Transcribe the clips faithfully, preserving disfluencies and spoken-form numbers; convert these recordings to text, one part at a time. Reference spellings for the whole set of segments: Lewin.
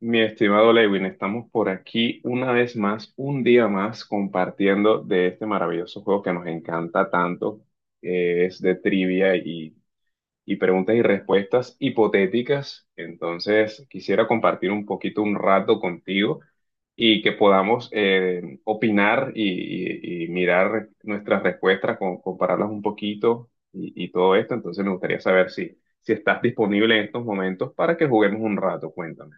Mi estimado Lewin, estamos por aquí una vez más, un día más, compartiendo de este maravilloso juego que nos encanta tanto, que es de trivia y, y preguntas y respuestas hipotéticas. Entonces, quisiera compartir un poquito, un rato contigo y que podamos eh, opinar y, y- y mirar nuestras respuestas, con- compararlas un poquito y, y todo esto. Entonces, me gustaría saber si, si estás disponible en estos momentos para que juguemos un rato. Cuéntame.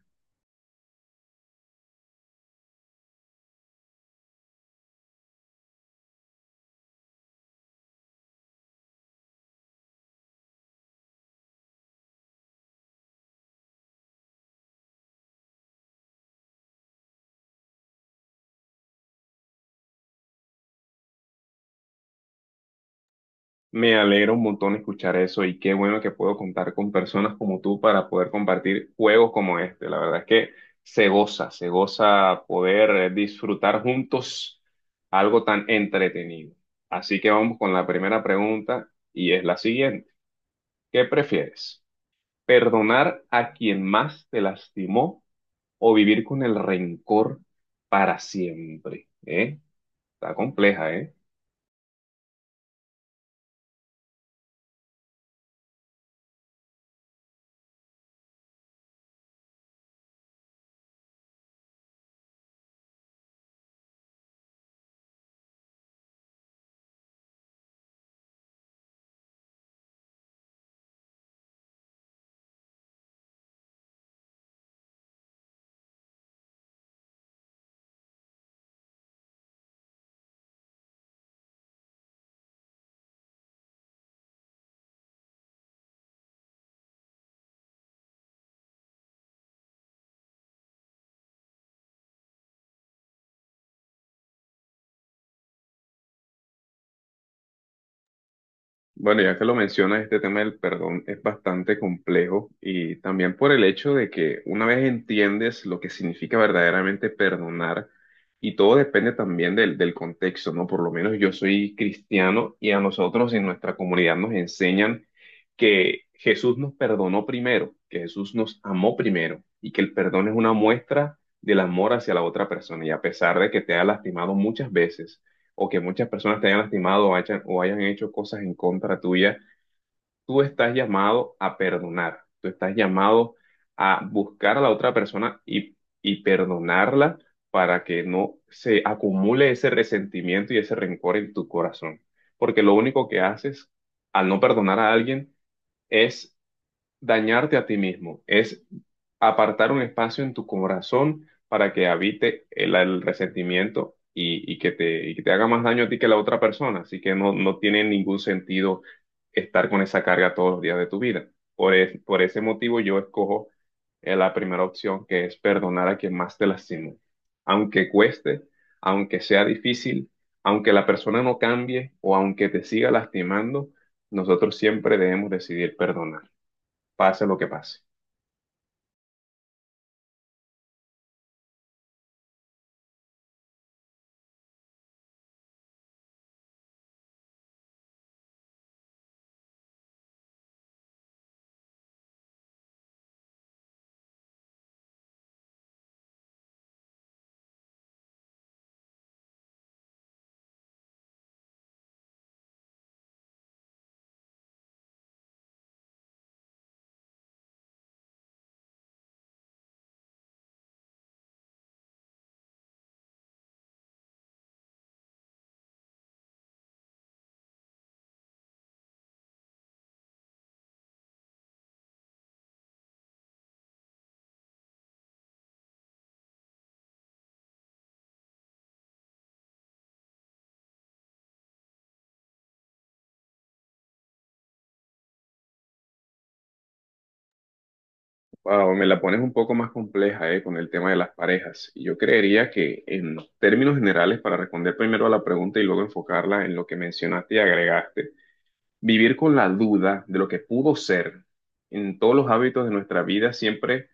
Me alegra un montón escuchar eso y qué bueno que puedo contar con personas como tú para poder compartir juegos como este. La verdad es que se goza, se goza poder eh, disfrutar juntos algo tan entretenido. Así que vamos con la primera pregunta y es la siguiente. ¿Qué prefieres? ¿Perdonar a quien más te lastimó o vivir con el rencor para siempre? ¿Eh? Está compleja, ¿eh? Bueno, ya que lo mencionas, este tema del perdón es bastante complejo y también por el hecho de que una vez entiendes lo que significa verdaderamente perdonar, y todo depende también del, del contexto, ¿no? Por lo menos yo soy cristiano y a nosotros en nuestra comunidad nos enseñan que Jesús nos perdonó primero, que Jesús nos amó primero y que el perdón es una muestra del amor hacia la otra persona y a pesar de que te ha lastimado muchas veces o que muchas personas te hayan lastimado o hayan, o hayan hecho cosas en contra tuya, tú estás llamado a perdonar, tú estás llamado a buscar a la otra persona y, y perdonarla para que no se acumule ese resentimiento y ese rencor en tu corazón. Porque lo único que haces al no perdonar a alguien es dañarte a ti mismo, es apartar un espacio en tu corazón para que habite el, el resentimiento y, y que te, y que te haga más daño a ti que a la otra persona. Así que no, no tiene ningún sentido estar con esa carga todos los días de tu vida. Por, es- por ese motivo yo escojo eh, la primera opción, que es perdonar a quien más te lastimó. Aunque cueste, aunque sea difícil, aunque la persona no cambie o aunque te siga lastimando, nosotros siempre debemos decidir perdonar, pase lo que pase. Wow, me la pones un poco más compleja, eh, con el tema de las parejas. Y Yo creería que en términos generales, para responder primero a la pregunta y luego enfocarla en lo que mencionaste y agregaste, vivir con la duda de lo que pudo ser en todos los hábitos de nuestra vida siempre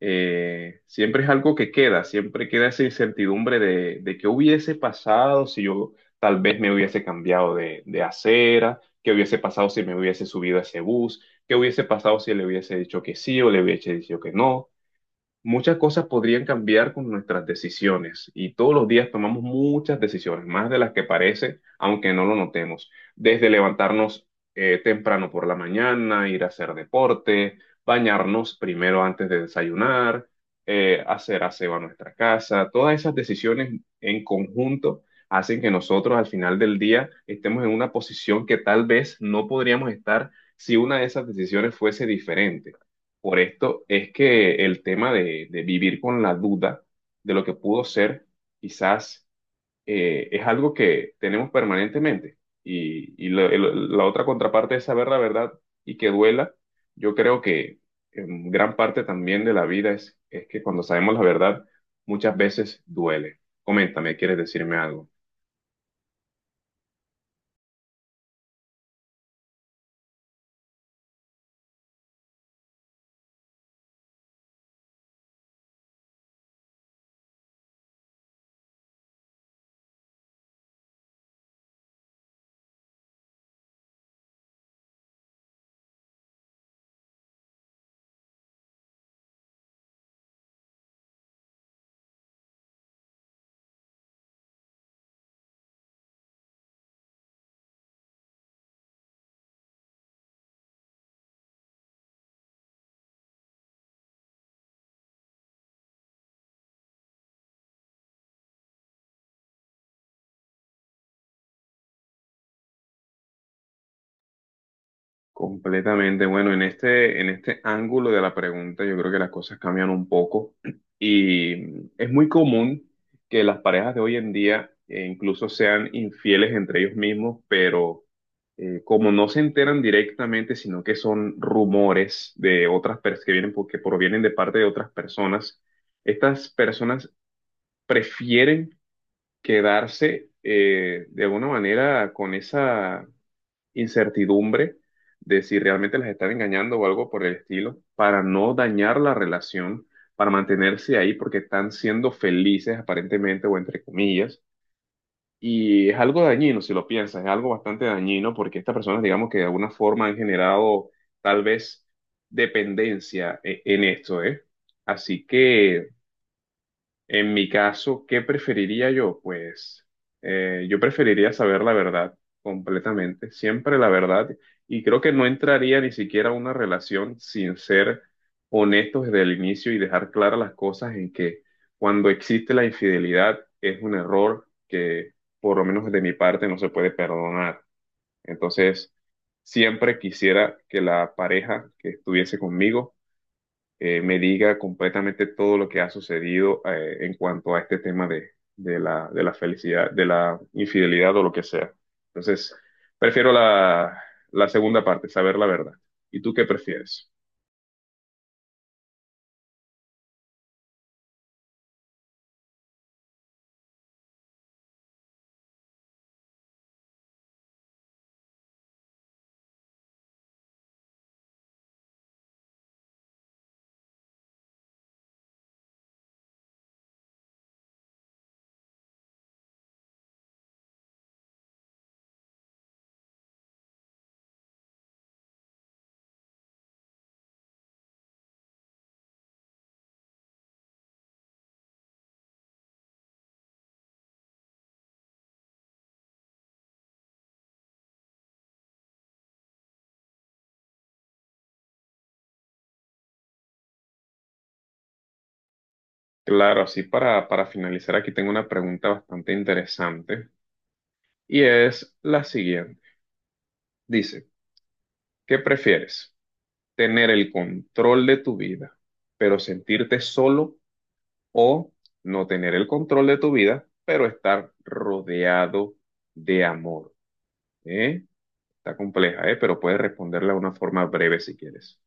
eh, siempre es algo que queda, siempre queda esa incertidumbre de, de qué hubiese pasado si yo tal vez me hubiese cambiado de, de acera, qué hubiese pasado si me hubiese subido a ese bus, qué hubiese pasado si le hubiese dicho que sí o le hubiese dicho que no. Muchas cosas podrían cambiar con nuestras decisiones y todos los días tomamos muchas decisiones, más de las que parece, aunque no lo notemos. Desde levantarnos eh, temprano por la mañana, ir a hacer deporte, bañarnos primero antes de desayunar, eh, hacer aseo a nuestra casa, todas esas decisiones en conjunto hacen que nosotros al final del día estemos en una posición que tal vez no podríamos estar si una de esas decisiones fuese diferente. Por esto es que el tema de, de vivir con la duda de lo que pudo ser, quizás eh, es algo que tenemos permanentemente. Y, y la, el- la otra contraparte es saber la verdad y que duela. Yo creo que en gran parte también de la vida es, es que cuando sabemos la verdad, muchas veces duele. Coméntame, ¿quieres decirme algo? Completamente. Bueno, en este, en este ángulo de la pregunta, yo creo que las cosas cambian un poco y es muy común que las parejas de hoy en día eh, incluso sean infieles entre ellos mismos, pero eh, como no se enteran directamente, sino que son rumores de otras personas que vienen porque provienen de parte de otras personas, estas personas prefieren quedarse eh, de alguna manera con esa incertidumbre de si realmente las están engañando o algo por el estilo, para no dañar la relación, para mantenerse ahí porque están siendo felices aparentemente o entre comillas. Y es algo dañino, si lo piensas, es algo bastante dañino porque estas personas, digamos que de alguna forma han generado tal vez dependencia e- en esto, ¿eh? Así que... En mi caso, ¿qué preferiría yo? Pues eh, yo preferiría saber la verdad completamente, siempre la verdad, y creo que no entraría ni siquiera a una relación sin ser honestos desde el inicio y dejar claras las cosas en que cuando existe la infidelidad es un error que por lo menos de mi parte no se puede perdonar. Entonces, siempre quisiera que la pareja que estuviese conmigo eh, me diga completamente todo lo que ha sucedido eh, en cuanto a este tema de, de la, de la felicidad, de la infidelidad o lo que sea. Entonces, prefiero la, la segunda parte, saber la verdad. ¿Y tú qué prefieres? Claro, así para, para finalizar, aquí tengo una pregunta bastante interesante y es la siguiente. Dice, ¿qué prefieres? ¿Tener el control de tu vida, pero sentirte solo, o no tener el control de tu vida, pero estar rodeado de amor? ¿Eh? Está compleja, ¿eh? Pero puedes responderla de una forma breve si quieres.